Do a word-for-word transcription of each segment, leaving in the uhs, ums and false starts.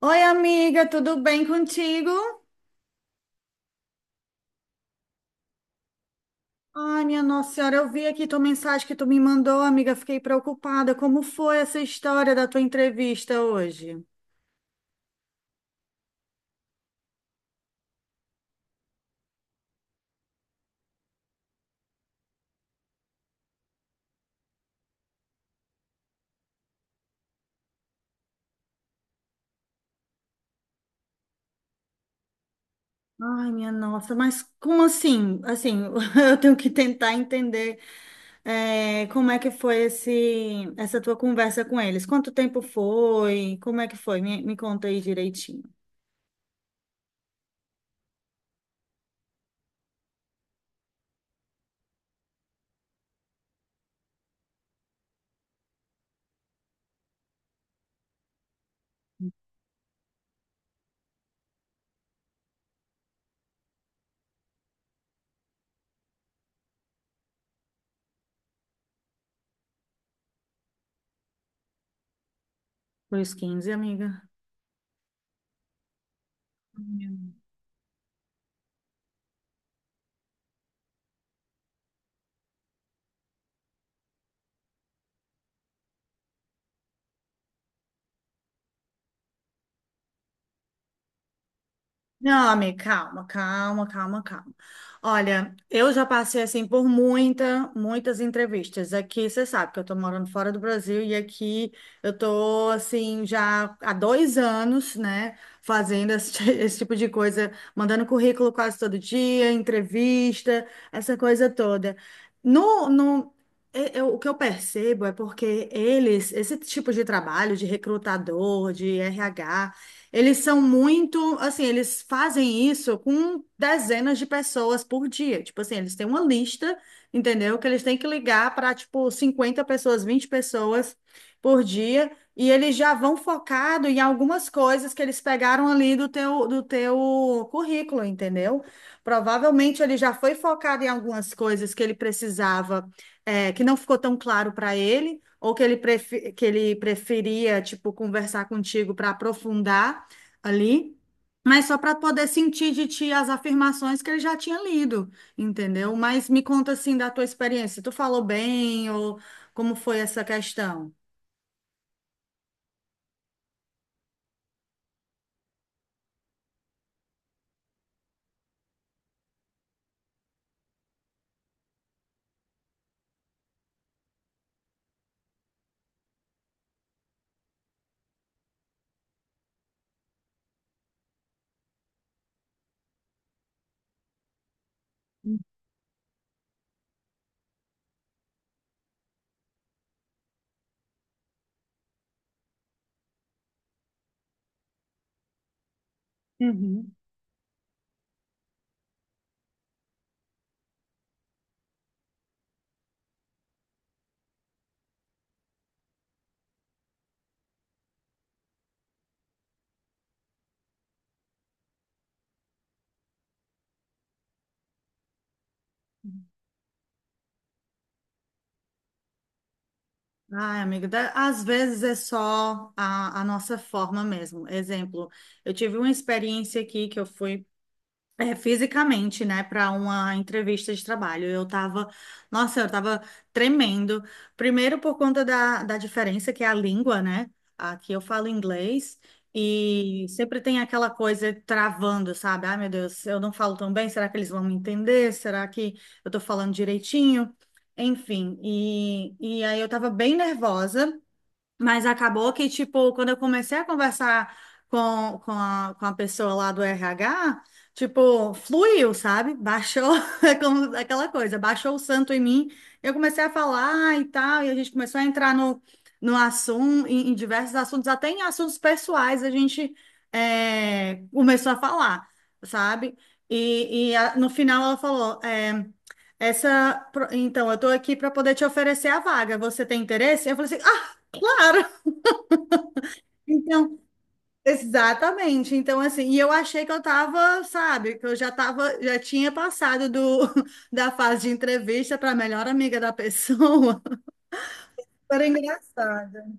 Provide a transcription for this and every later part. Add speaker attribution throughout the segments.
Speaker 1: Oi, amiga, tudo bem contigo? Ai, minha Nossa Senhora, eu vi aqui tua mensagem que tu me mandou, amiga, fiquei preocupada. Como foi essa história da tua entrevista hoje? Ai, minha nossa, mas como assim? Assim, eu tenho que tentar entender é, como é que foi esse, essa tua conversa com eles. Quanto tempo foi? Como é que foi? Me, me conta aí direitinho. Foi os quinze, amiga. Não, amiga, calma, calma, calma, calma. Olha, eu já passei assim por muita, muitas entrevistas. Aqui você sabe que eu tô morando fora do Brasil e aqui eu tô assim já há dois anos, né, fazendo esse, ti- esse tipo de coisa, mandando currículo quase todo dia, entrevista, essa coisa toda. No, no, e- eu- O que eu percebo é porque eles, esse tipo de trabalho de recrutador, de R H, eles são muito, assim, eles fazem isso com dezenas de pessoas por dia. Tipo assim, eles têm uma lista, entendeu? Que eles têm que ligar para, tipo, cinquenta pessoas, vinte pessoas por dia. E eles já vão focado em algumas coisas que eles pegaram ali do teu, do teu currículo, entendeu? Provavelmente ele já foi focado em algumas coisas que ele precisava, eh, que não ficou tão claro para ele ou que ele, prefe- que ele preferia, tipo, conversar contigo para aprofundar ali, mas só para poder sentir de ti as afirmações que ele já tinha lido, entendeu? Mas me conta assim da tua experiência, tu falou bem ou como foi essa questão? Uhum. Ai, amiga, da- às vezes é só a, a nossa forma mesmo. Exemplo, eu tive uma experiência aqui que eu fui. É, fisicamente, né, para uma entrevista de trabalho. Eu tava, nossa, eu tava tremendo. Primeiro por conta da, da diferença que é a língua, né? Aqui eu falo inglês e sempre tem aquela coisa travando, sabe? Ai, meu Deus, eu não falo tão bem, será que eles vão me entender? Será que eu tô falando direitinho? Enfim, e, e aí eu tava bem nervosa. Mas acabou que, tipo, quando eu comecei a conversar com, com a, com a pessoa lá do R H, tipo, fluiu, sabe? Baixou, é como aquela coisa, baixou o santo em mim. Eu comecei a falar e tal, e a gente começou a entrar no, no assunto, em, em diversos assuntos, até em assuntos pessoais, a gente é, começou a falar, sabe? E, e a- no final ela falou, é, essa, pro- então, eu tô aqui para poder te oferecer a vaga, você tem interesse? Eu falei assim, ah! Claro. Então, exatamente. Então, assim, e eu achei que eu tava, sabe, que eu já tava, já tinha passado do, da fase de entrevista para melhor amiga da pessoa. Era engraçado.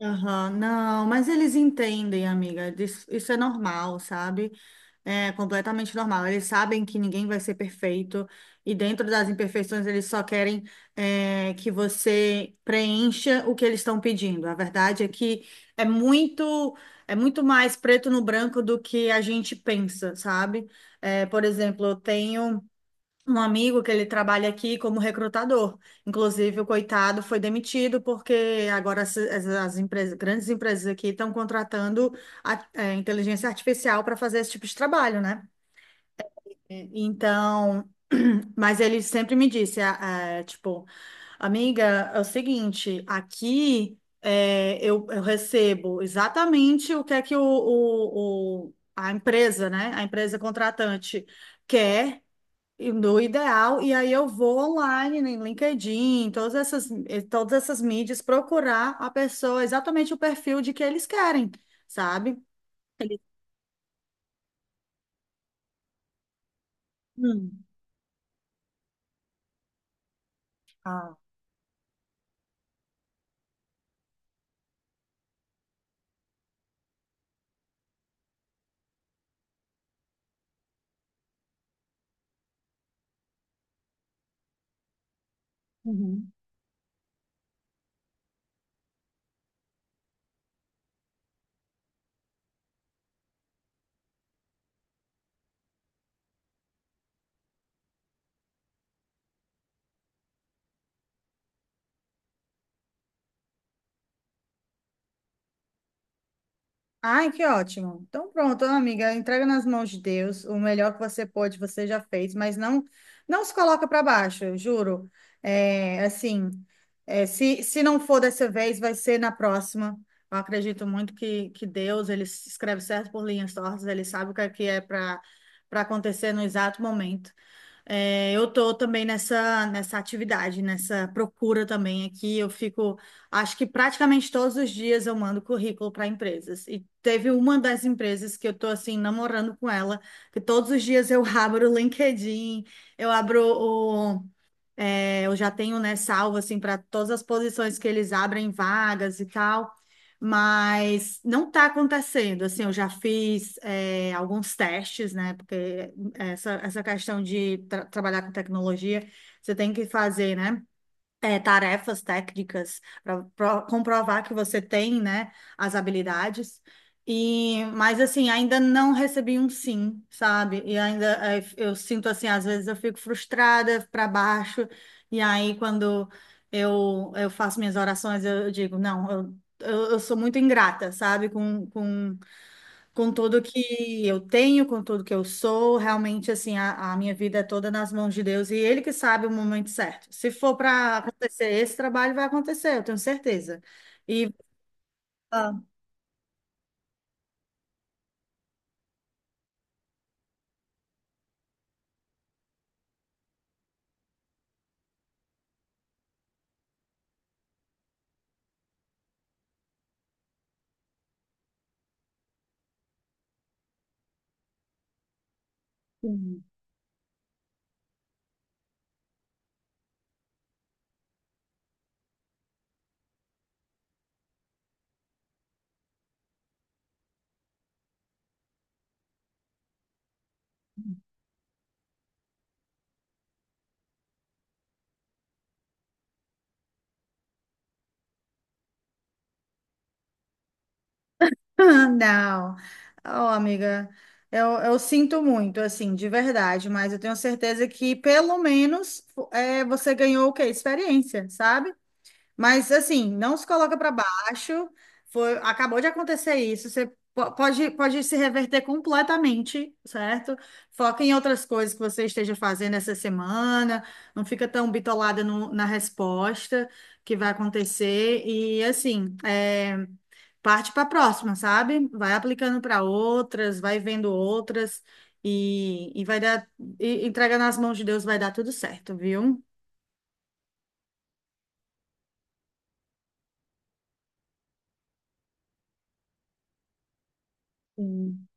Speaker 1: Aham, não, mas eles entendem, amiga. Isso, isso é normal, sabe? É completamente normal. Eles sabem que ninguém vai ser perfeito e dentro das imperfeições eles só querem é, que você preencha o que eles estão pedindo. A verdade é que é muito é muito mais preto no branco do que a gente pensa, sabe? É, por exemplo, eu tenho um amigo que ele trabalha aqui como recrutador. Inclusive, o coitado foi demitido porque agora as, as- as empresas, grandes empresas aqui estão contratando a, é, inteligência artificial para fazer esse tipo de trabalho, né? E- Então, mas ele sempre me disse, a- a, tipo, amiga, é o seguinte, aqui é, eu, eu recebo exatamente o que é que o, o, o- a empresa, né? A empresa contratante quer. E no ideal, e aí eu vou online, né, em LinkedIn, em todas essas, em todas essas mídias, procurar a pessoa, exatamente o perfil de que eles querem, sabe? Hum. Ah, uhum. Ai, que ótimo. Então pronto, amiga, entrega nas mãos de Deus. O melhor que você pôde, você já fez, mas não não se coloca para baixo, eu juro. É, assim, é, se, se não for dessa vez, vai ser na próxima. Eu acredito muito que, que Deus, ele escreve certo por linhas tortas, ele sabe o que é, que é para para acontecer no exato momento. É, eu tô também nessa, nessa atividade, nessa procura também aqui. Eu fico, acho que praticamente todos os dias eu mando currículo para empresas. E teve uma das empresas que eu tô assim namorando com ela, que todos os dias eu abro o LinkedIn, eu abro é, eu já tenho, né, salvo assim para todas as posições que eles abrem vagas e tal, mas não está acontecendo. Assim, eu já fiz é, alguns testes, né? Porque essa, essa questão de tra- trabalhar com tecnologia, você tem que fazer, né? É, tarefas técnicas para comprovar que você tem, né, as habilidades. E, mas assim, ainda não recebi um sim, sabe? E ainda é, eu sinto assim, às vezes eu fico frustrada para baixo, e aí quando eu, eu faço minhas orações, eu, eu digo, não, eu, eu, eu sou muito ingrata, sabe? Com, com com tudo que eu tenho, com tudo que eu sou, realmente assim, a, a minha vida é toda nas mãos de Deus e Ele que sabe o momento certo. Se for para acontecer esse trabalho, vai acontecer, eu tenho certeza. E ah, sim. Não, oh, amiga, eu, eu sinto muito, assim, de verdade, mas eu tenho certeza que pelo menos é, você ganhou o quê? Experiência, sabe? Mas assim, não se coloca para baixo. Foi, acabou de acontecer isso. Você po- pode, pode se reverter completamente, certo? Foca em outras coisas que você esteja fazendo essa semana. Não fica tão bitolada no- na resposta que vai acontecer. E assim, é, parte para a próxima, sabe? Vai aplicando para outras, vai vendo outras. E, e vai dar, e entrega nas mãos de Deus, vai dar tudo certo, viu? Sim.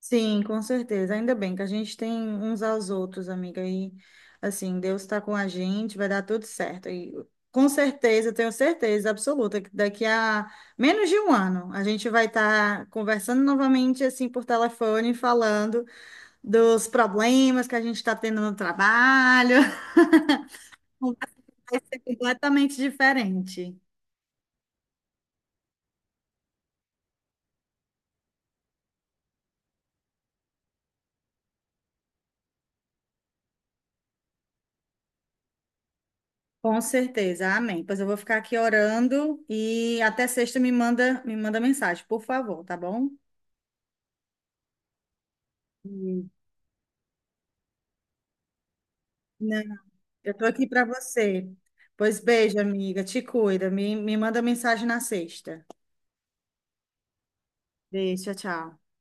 Speaker 1: Sim, com certeza. Ainda bem que a gente tem uns aos outros, amiga. E assim, Deus está com a gente, vai dar tudo certo. E com certeza, tenho certeza absoluta que daqui a menos de um ano a gente vai estar conversando novamente assim por telefone, falando dos problemas que a gente está tendo no trabalho. Vai ser completamente diferente. Com certeza, amém. Pois eu vou ficar aqui orando e até sexta me manda, me manda mensagem, por favor, tá bom? Não, eu tô aqui para você. Pois beijo, amiga. Te cuida. Me, me manda mensagem na sexta. Beijo, tchau, tchau.